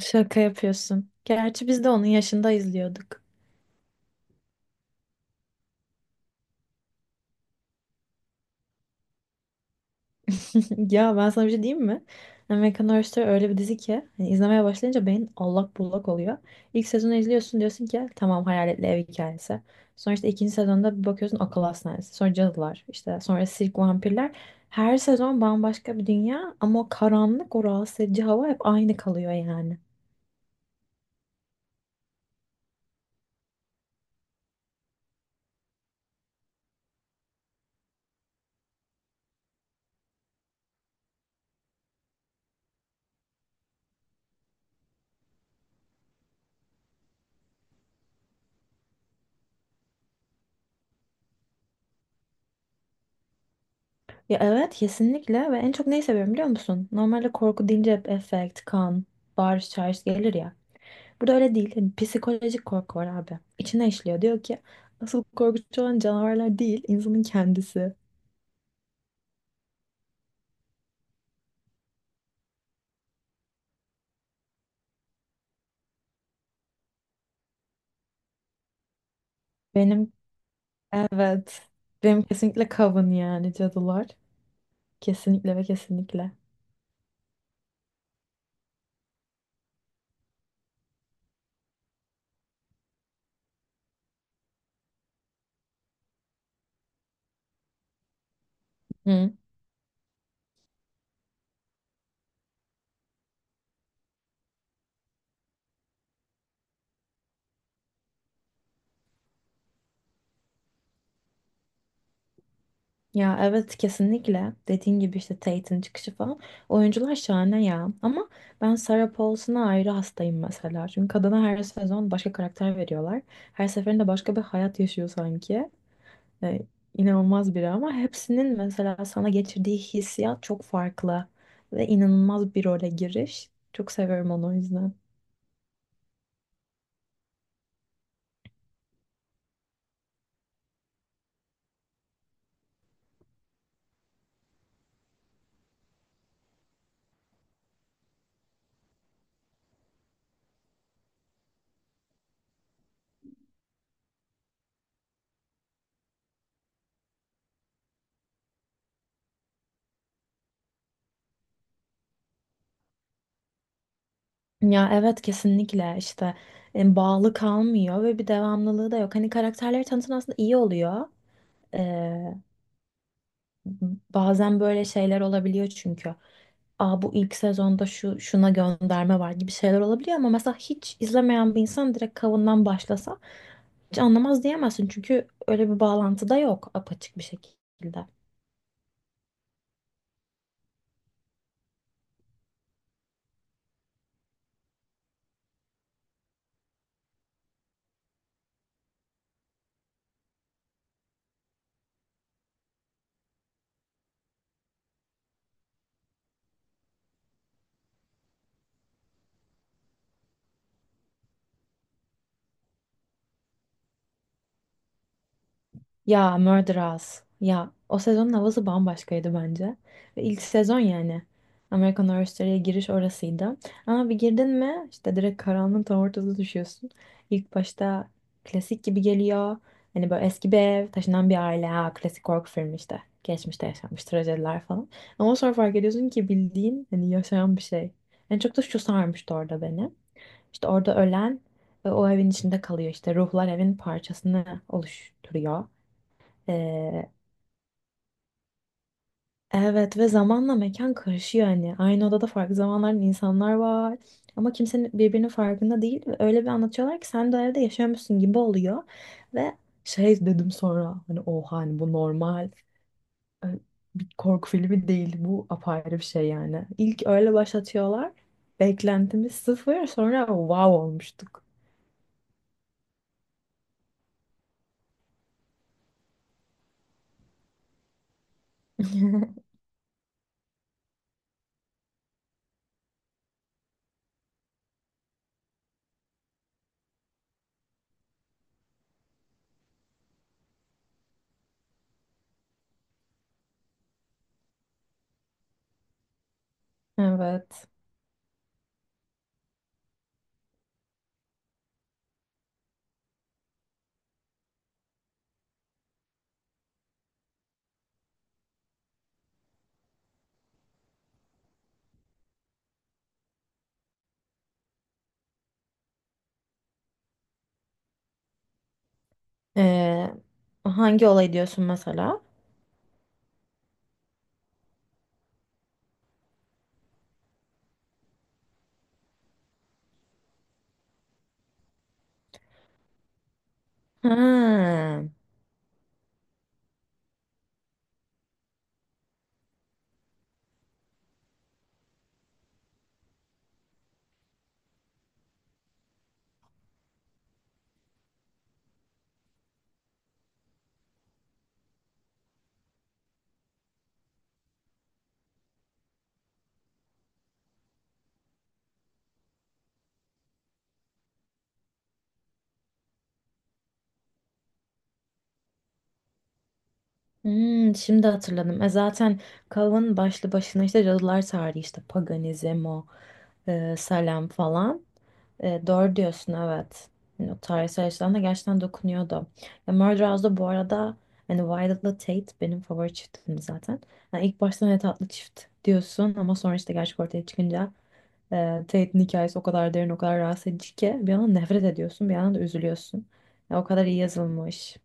Şaka yapıyorsun. Gerçi biz de onun yaşında izliyorduk. Ya ben sana bir şey diyeyim mi? American Horror Story öyle bir dizi ki hani izlemeye başlayınca beyin allak bullak oluyor. İlk sezonu izliyorsun diyorsun ki tamam hayaletli ev hikayesi. Sonra işte ikinci sezonda bir bakıyorsun akıl hastanesi. Sonra cadılar işte sonra sirk vampirler. Her sezon bambaşka bir dünya ama o karanlık o rahatsız edici hava hep aynı kalıyor yani. Ya evet kesinlikle ve en çok neyi seviyorum biliyor musun? Normalde korku deyince hep efekt, kan, bağırış çağırış gelir ya. Burada öyle değil. Hani psikolojik korku var abi. İçine işliyor. Diyor ki asıl korkutucu olan canavarlar değil, insanın kendisi. Benim evet. Benim kesinlikle kavun yani cadılar. Kesinlikle ve kesinlikle. Hı. Ya evet kesinlikle. Dediğin gibi işte Tate'in çıkışı falan. Oyuncular şahane ya. Ama ben Sarah Paulson'a ayrı hastayım mesela. Çünkü kadına her sezon başka karakter veriyorlar. Her seferinde başka bir hayat yaşıyor sanki. E, inanılmaz biri ama hepsinin mesela sana geçirdiği hissiyat çok farklı ve inanılmaz bir role giriş. Çok seviyorum onu o yüzden. Ya evet kesinlikle işte bağlı kalmıyor ve bir devamlılığı da yok. Hani karakterleri tanıtan aslında iyi oluyor. E, Bazen böyle şeyler olabiliyor çünkü. Aa bu ilk sezonda şu şuna gönderme var gibi şeyler olabiliyor ama mesela hiç izlemeyen bir insan direkt kavundan başlasa hiç anlamaz diyemezsin çünkü öyle bir bağlantı da yok apaçık bir şekilde. Ya Murderers. Ya o sezonun havası bambaşkaydı bence. Ve ilk sezon yani. American Horror Story'ye giriş orasıydı. Ama bir girdin mi işte direkt karanlığın tam ortasına düşüyorsun. İlk başta klasik gibi geliyor. Hani böyle eski bir ev, taşınan bir aile. Ha, klasik korku filmi işte. Geçmişte yaşanmış trajediler falan. Ama sonra fark ediyorsun ki bildiğin hani yaşayan bir şey. En çok da şu sarmıştı orada beni. İşte orada ölen o evin içinde kalıyor. İşte ruhlar evin parçasını oluşturuyor. Ee, evet ve zamanla mekan karışıyor hani. Aynı odada farklı zamanların insanlar var. Ama kimsenin birbirinin farkında değil. Ve öyle bir anlatıyorlar ki sen de o evde yaşıyormuşsun gibi oluyor. Ve şey dedim sonra hani oha hani bu normal e, bir korku filmi değil. Bu apayrı bir şey yani. İlk öyle başlatıyorlar. Beklentimiz sıfır sonra wow olmuştuk. Evet. Ee, Hangi olay diyorsun mesela? Ha. Hmm, şimdi hatırladım. E zaten Kav'ın başlı başına işte cadılar tarihi işte paganizm o Salem falan. E, doğru diyorsun evet. Yani o tarihsel açıdan da gerçekten dokunuyordu. Ya Murder House'da bu arada hani Violet'la Tate benim favori çiftimdi zaten. Yani ilk başta ne tatlı çift diyorsun ama sonra işte gerçek ortaya çıkınca E, Tate'in hikayesi o kadar derin, o kadar rahatsız edici ki bir yandan nefret ediyorsun, bir yandan da üzülüyorsun. Ya, o kadar iyi yazılmış.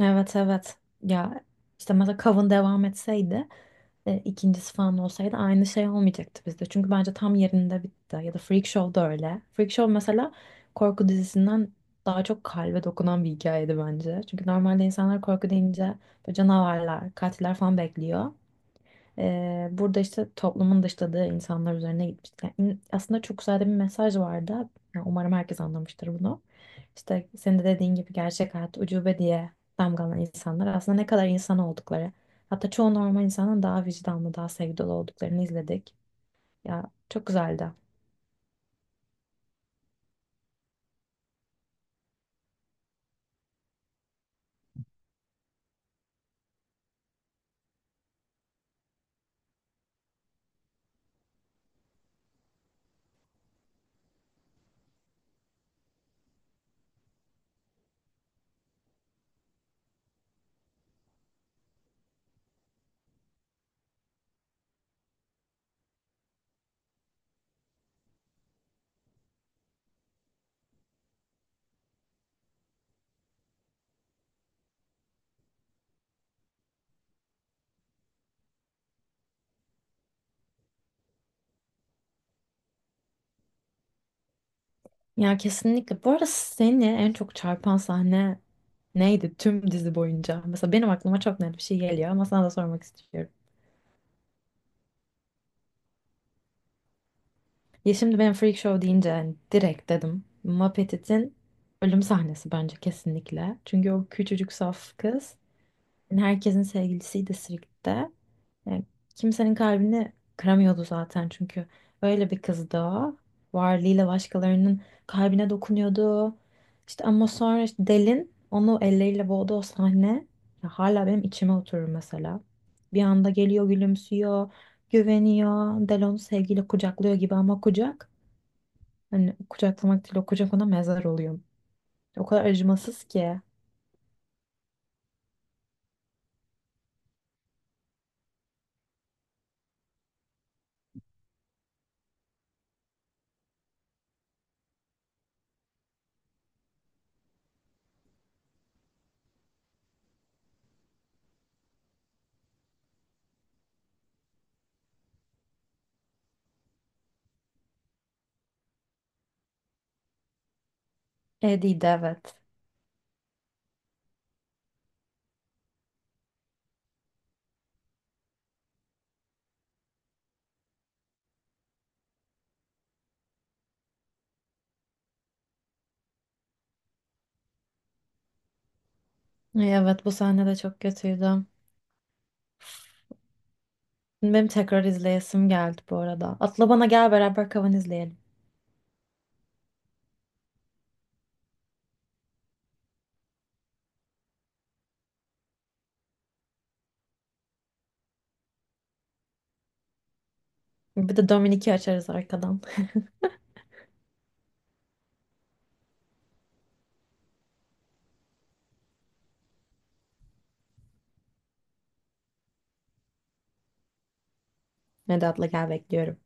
Evet evet. Ya işte mesela Kav'ın devam etseydi, ikincisi falan olsaydı aynı şey olmayacaktı bizde. Çünkü bence tam yerinde bitti. Ya da Freak Show da öyle. Freak Show mesela korku dizisinden daha çok kalbe dokunan bir hikayeydi bence. Çünkü normalde insanlar korku deyince böyle canavarlar, katiller falan bekliyor. Burada işte toplumun dışladığı insanlar üzerine gitmiş. Yani aslında çok güzel de bir mesaj vardı. Yani umarım herkes anlamıştır bunu. İşte senin de dediğin gibi gerçek hayat ucube diye damgalanan insanlar aslında ne kadar insan oldukları. Hatta çoğu normal insanın daha vicdanlı, daha sevgi dolu olduklarını izledik. Ya çok güzeldi. Ya kesinlikle. Bu arada seni en çok çarpan sahne neydi tüm dizi boyunca? Mesela benim aklıma çok net bir şey geliyor ama sana da sormak istiyorum. Ya şimdi ben Freak Show deyince yani direkt dedim. Muppet'in ölüm sahnesi bence kesinlikle. Çünkü o küçücük saf kız yani herkesin sevgilisiydi Sirk'te. Yani kimsenin kalbini kıramıyordu zaten çünkü öyle bir kızdı o. Varlığıyla başkalarının kalbine dokunuyordu. İşte ama sonra işte Del'in onu elleriyle boğduğu o sahne ya hala benim içime oturur mesela. Bir anda geliyor gülümsüyor, güveniyor. Del onu sevgiyle kucaklıyor gibi ama kucak. Hani kucaklamak değil o kucak ona mezar oluyor. O kadar acımasız ki. Eddie'ydi evet. Ay, evet bu sahne de çok kötüydü. Benim tekrar izleyesim geldi bu arada. Atla bana gel beraber Kavan izleyelim. Bir de Dominik'i açarız arkadan. Hadi atla gel bekliyorum.